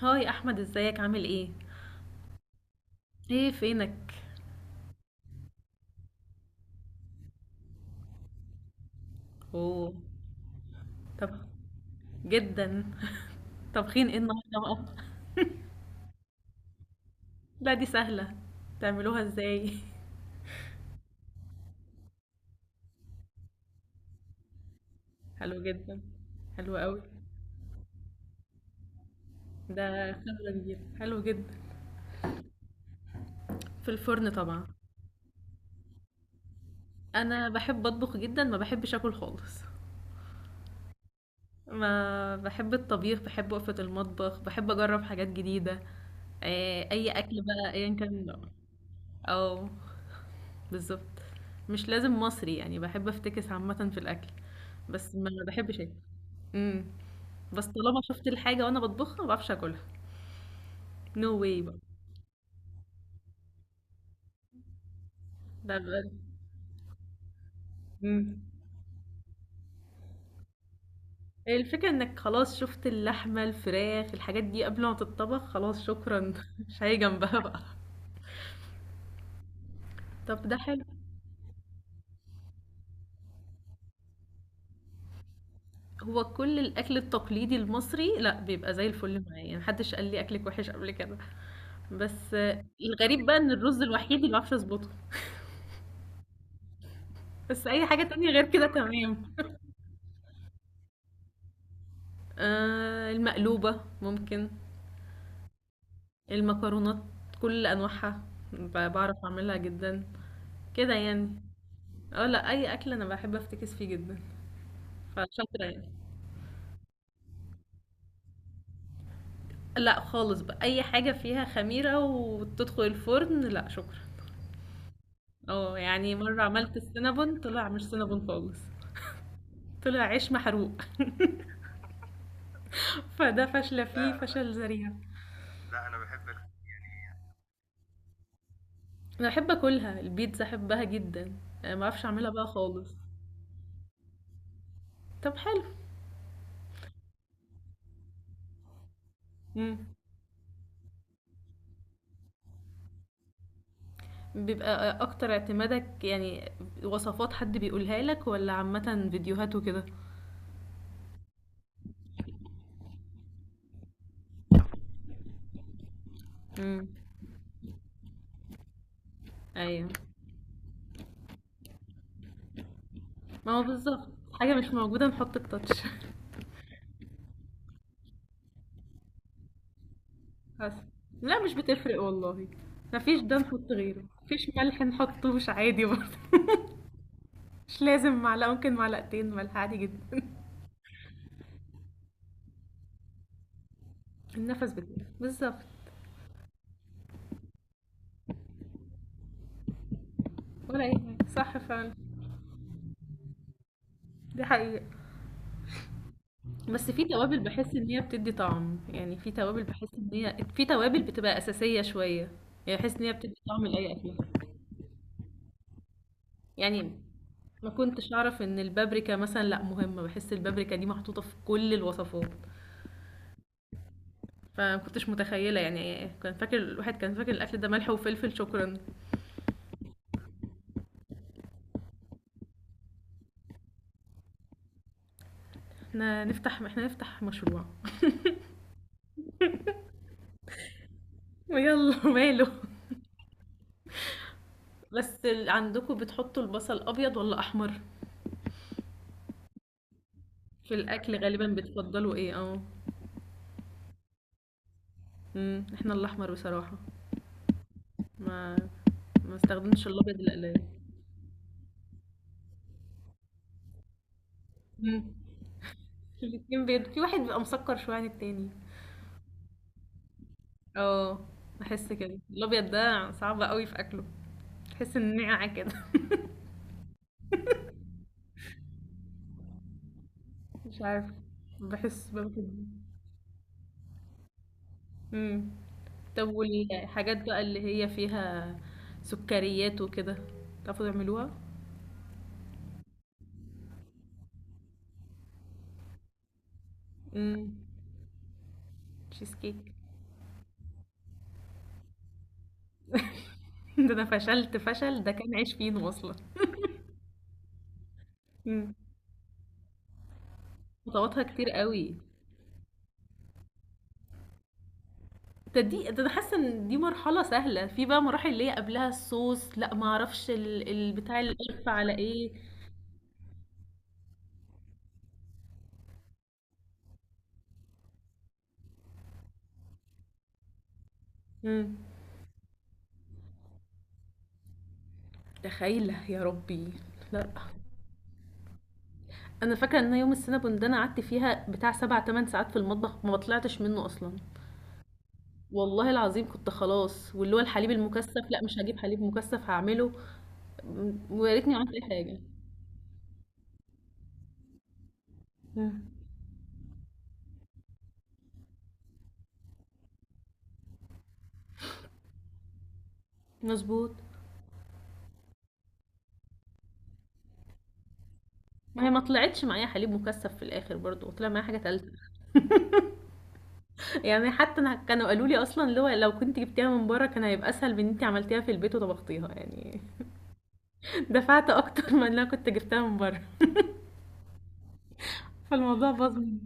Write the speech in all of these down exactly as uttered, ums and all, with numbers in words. هاي احمد، ازيك؟ عامل ايه؟ ايه؟ فينك؟ اوه. طب جدا طبخين ايه النهارده بقى؟ لا دي سهله، تعملوها ازاي؟ حلو جدا. حلو قوي. ده خبره كبيره، حلو جدا. في الفرن طبعا. انا بحب اطبخ جدا، ما بحبش اكل خالص. ما بحب الطبيخ، بحب وقفه المطبخ، بحب اجرب حاجات جديده. آه، اي اكل بقى ايا كان نوعه. اه بالضبط. مش لازم مصري، يعني باحب أفتكس عامةً في الأكل، بس ما باحبش آكل. إمم. بس طالما شُفت الحاجة وأنا باطبخها ما باعرفش آكلها no way بقى. بابقى. إمم. الفكرة إنّك خلاص شُفت اللحمة، الفراخ، الحاجات دي قبل ما تتطبخ، خلاص شكرًا، مش هاجي جنبها بقى. طب ده حلو. هو كل الأكل التقليدي المصري لأ، بيبقى زي الفل معايا، ما حدش قال لي أكلِك وِحِش قبل كده، بس آه، الغريب بقى إن الرُز الوحيد اللي ما باعرفش أضبطه، بس أي حاجة تانية غير كده تمام. آه، المقلوبة ممكن. المكرونات كل أنواعها ب- بعرف أعملها جدا كده يعني. اه لا، أي أكل أنا بحب أفتكس فيه جدا، فشاطرة يعني. لا، خالص بقى أي حاجة فيها خميرة وتدخل الفرن لا شكرا. اه يعني مرة عملت السينابون طلع مش سينابون خالص. طلع عيش محروق. فده فاشلة فيه، لا لا فشل ذريع. لا انا بحب ال- أنا بحب أكلها، البيتزا أحبها جدا. آه، معرفش أعملها بقى خالص. طب حلو. مم. بيبقى اكتر اعتمادك يعني وصفات حد بيقولها لك ولا عامة فيديوهات وكده؟ امم. ايوه. ما هو بالظبط، حاجة مش موجودة نحط التاتش بس لا مش بتفرق والله. مفيش ده نحط غيره، مفيش ملح نحطه مش عادي برضه. مش لازم معلقة، ممكن معلقتين ملح عادي جدا. النفس بتاعي بالظبط. ولا اي حاجة، صح فعلا. دي حقيقة. بس في توابل بحس ان هي بتدي طعم، يعني في توابل بحس ان هي في توابل بتبقى اساسيه شويه. يعني بحس ان هي بتدي طعم لاي اكل. يعني ما كنتش اعرف ان البابريكا مثلا لا مهمه، بحس البابريكا دي محطوطه في كل الوصفات. فما كنتش متخيله، يعني كان فاكر الواحد كان فاكر الاكل ده ملح وفلفل شكرا. احنا نفتح احنا نفتح مشروع. ويلا ماله. بس ال- عندكم بتحطوا البصل ابيض ولا احمر؟ في الاكل غالبا بتفضلوا ايه؟ اه. امم، احنا الاحمر بصراحه. ما ما استخدمش الابيض القليل. مم. الاتنين بيض، في واحد بيبقى مسكر شويه عن التاني. اه، بحس كده الابيض ده صعب قوي في اكله، تحس ان نقع كده مش عارف، بحس باخد. امم. طب والحاجات بقى اللي هي فيها سكريات وكده، تعرفوا تعملوها؟ امم. تشيز كيك. ده انا فشلت فشل، ده كان عيش فينو اصلا. امم. خطواتها كتير قوي. ده دي ده انا حاسه ان دي مرحله سهله، في بقى مراحل اللي هي قبلها الصوص لا، ما اعرفش ال- البتاع القرف على ايه. امم. تخيله يا ربي. لا انا فاكره ان يوم السنابون ده انا قعدت فيها بتاع سبع تمن ساعات في المطبخ ما طلعتش منه اصلا. والله العظيم كنت خلاص، واللي هو الحليب المكثف، لا مش هجيب حليب مكثف هعمله. أمم، ويا ريتني عملت اي حاجه. أمم. مظبوط. ما هي ما طلعتش معايا حليب مكثف في الاخر، برضو طلع معايا حاجه تالته. يعني حتى انا كانوا قالوا لي اصلا لو لو كنت جبتيها من بره كان هيبقى اسهل من ان انت عملتيها في البيت وطبختيها يعني. دفعت اكتر من لو كنت جبتها من بره فالموضوع باظ مني.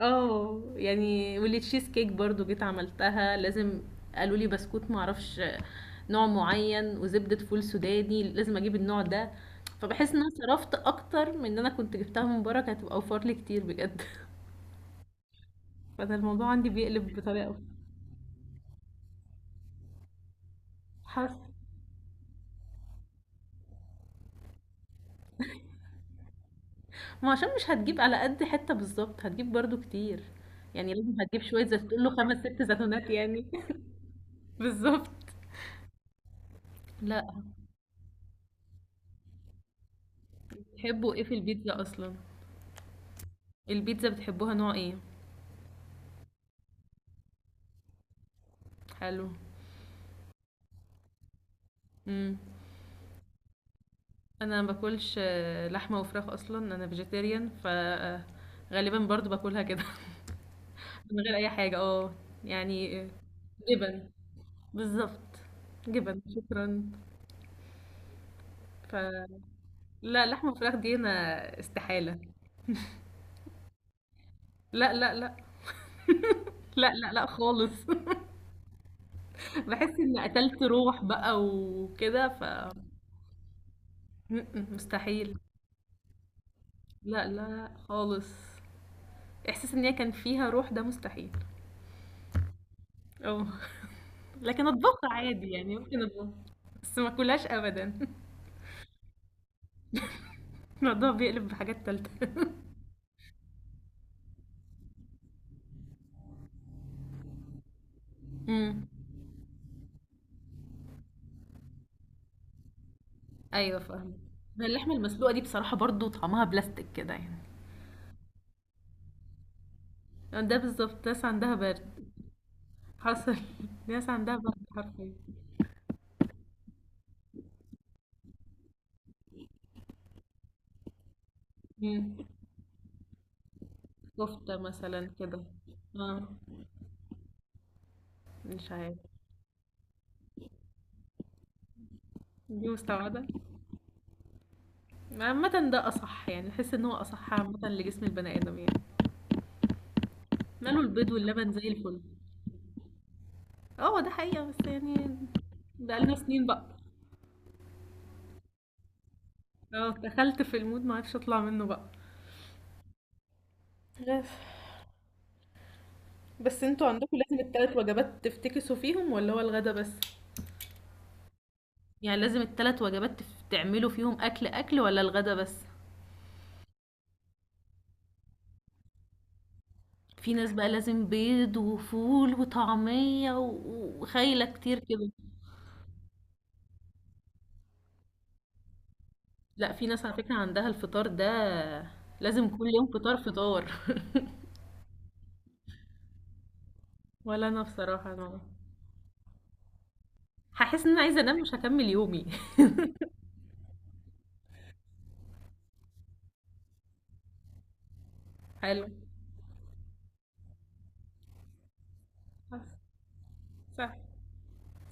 اه يعني واللي تشيز كيك برضو جيت عملتها، لازم قالوا لي بسكوت معرفش نوع معين وزبدة فول سوداني لازم اجيب النوع ده. فبحس ان انا صرفت اكتر من ان انا كنت جبتها من بره، كانت هتبقى اوفر لي كتير بجد فده الموضوع عندي بيقلب بطريقة. حاسة. ما عشان مش هتجيب على قد حتة بالظبط، هتجيب برضو كتير. يعني لازم هتجيب شوية زيت، تقول له خمس ست زيتونات يعني بالظبط. لا بتحبوا ايه في البيتزا اصلا؟ البيتزا بتحبوها نوع ايه؟ حلو. امم. انا ما باكلش آه، لحمة وفراخ اصلا، انا فيجيتيريان ف آه، غالبا برضو باكلها كده من غير اي حاجة، اه يعني آه، جبن، بالظبط، جبن شكرا. ف. لا، لحمة وفراخ دي انا استحالة. لا لا لا، لا لا لا خالص باحس إني قتلت روح بقى وكده ف. إمم، إمم، مستحيل. لأ، لا، لأ خالص، إحساس إن هي كان فيها روح ده مستحيل. آه، لكن أطبخها عادي يعني، ممكن أطبخها، بس ما آكلهاش أبدًا الموضوع بيقلب بحاجات تالتة إمم. أيوه فاهمة. اللحمة المسلوقة دي بصراحة برضه طعمها بلاستيك كده يعني. آه، ده بالضبط، ناس عندها برد. حصل، ناس عندها برد حرفيًا. إمم. كفتة مثلًا كده. آه. مش عارفة. دي مستبعدة؟ عامة ده أصح، يعني أحس إن هو أصح عامة لجسم البني آدم يعني. ماله البيض واللبن زي الفل. اه ده حقيقة بس يعني بقالنا سنين بقى. اه دخلت في المود معرفش أطلع منه بقى. عارف. بس انتوا عندكم لازم التلات وجبات تفتكسوا فيهم ولا هو الغدا بس؟ يعني لازم التلات وجبات تف- تعملوا فيهم أكل أكل ولا الغدا بس؟ في ناس بقى لازم بيض وفول وطعمية و- وخايلة كتير كده. لا في ناس على فكرة عندها الفطار ده لازم كل يوم، فطار فطار ولا انا بصراحة انا هحس ان انا عايزة انام مش هكمل يومي حلو. صح،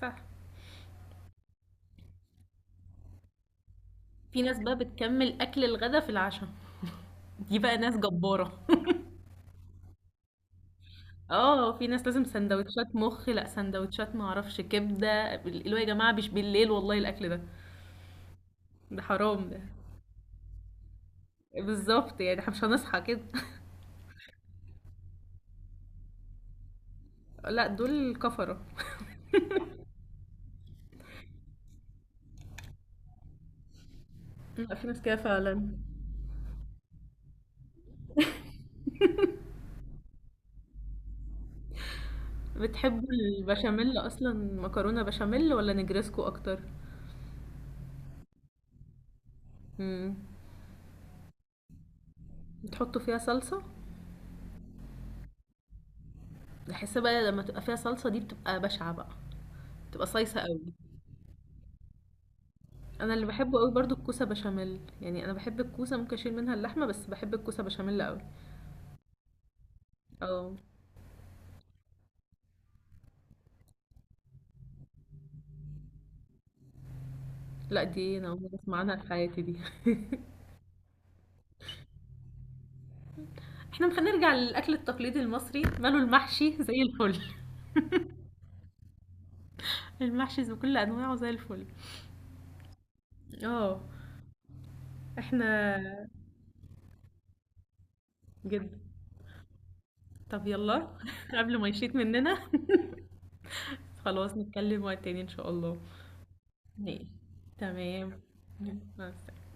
صح. في ناس بقى بتكمل اكل الغدا في العشاء، دي بقى ناس جبارة اه في ناس لازم سندوتشات مخ لا سندوتشات معرفش كبدة، اللي هو يا جماعة مش بالليل والله الاكل ده، ده حرام ده. بالظبط، يعني احنا مش هنصحى كده لا دول كفرة. لا في ناس كده فعلا. بتحب البشاميل اصلا؟ مكرونة بشاميل ولا نجرسكو اكتر؟ امم. بتحطوا فيها صلصة؟ بحس بقى لما تبقى فيها صلصة دي بتبقى بشعة بقى، بتبقى صيصة قوي. انا اللي بحبه قوي برضو الكوسة بشاميل، يعني انا بحب الكوسة ممكن اشيل منها اللحمة، بس بحب الكوسة بشاميل قوي. اه. لا دي انا اول مرة اسمع عنها في حياتي دي. احنا مش هنرجع للاكل التقليدي المصري؟ ماله المحشي زي الفل. المحشي بكل انواعه زي الفل. اه احنا جدا. طب يلا قبل ما يشيط مننا. خلاص نتكلم وقت تاني ان شاء الله. ماشي. تمام. مع السلامة.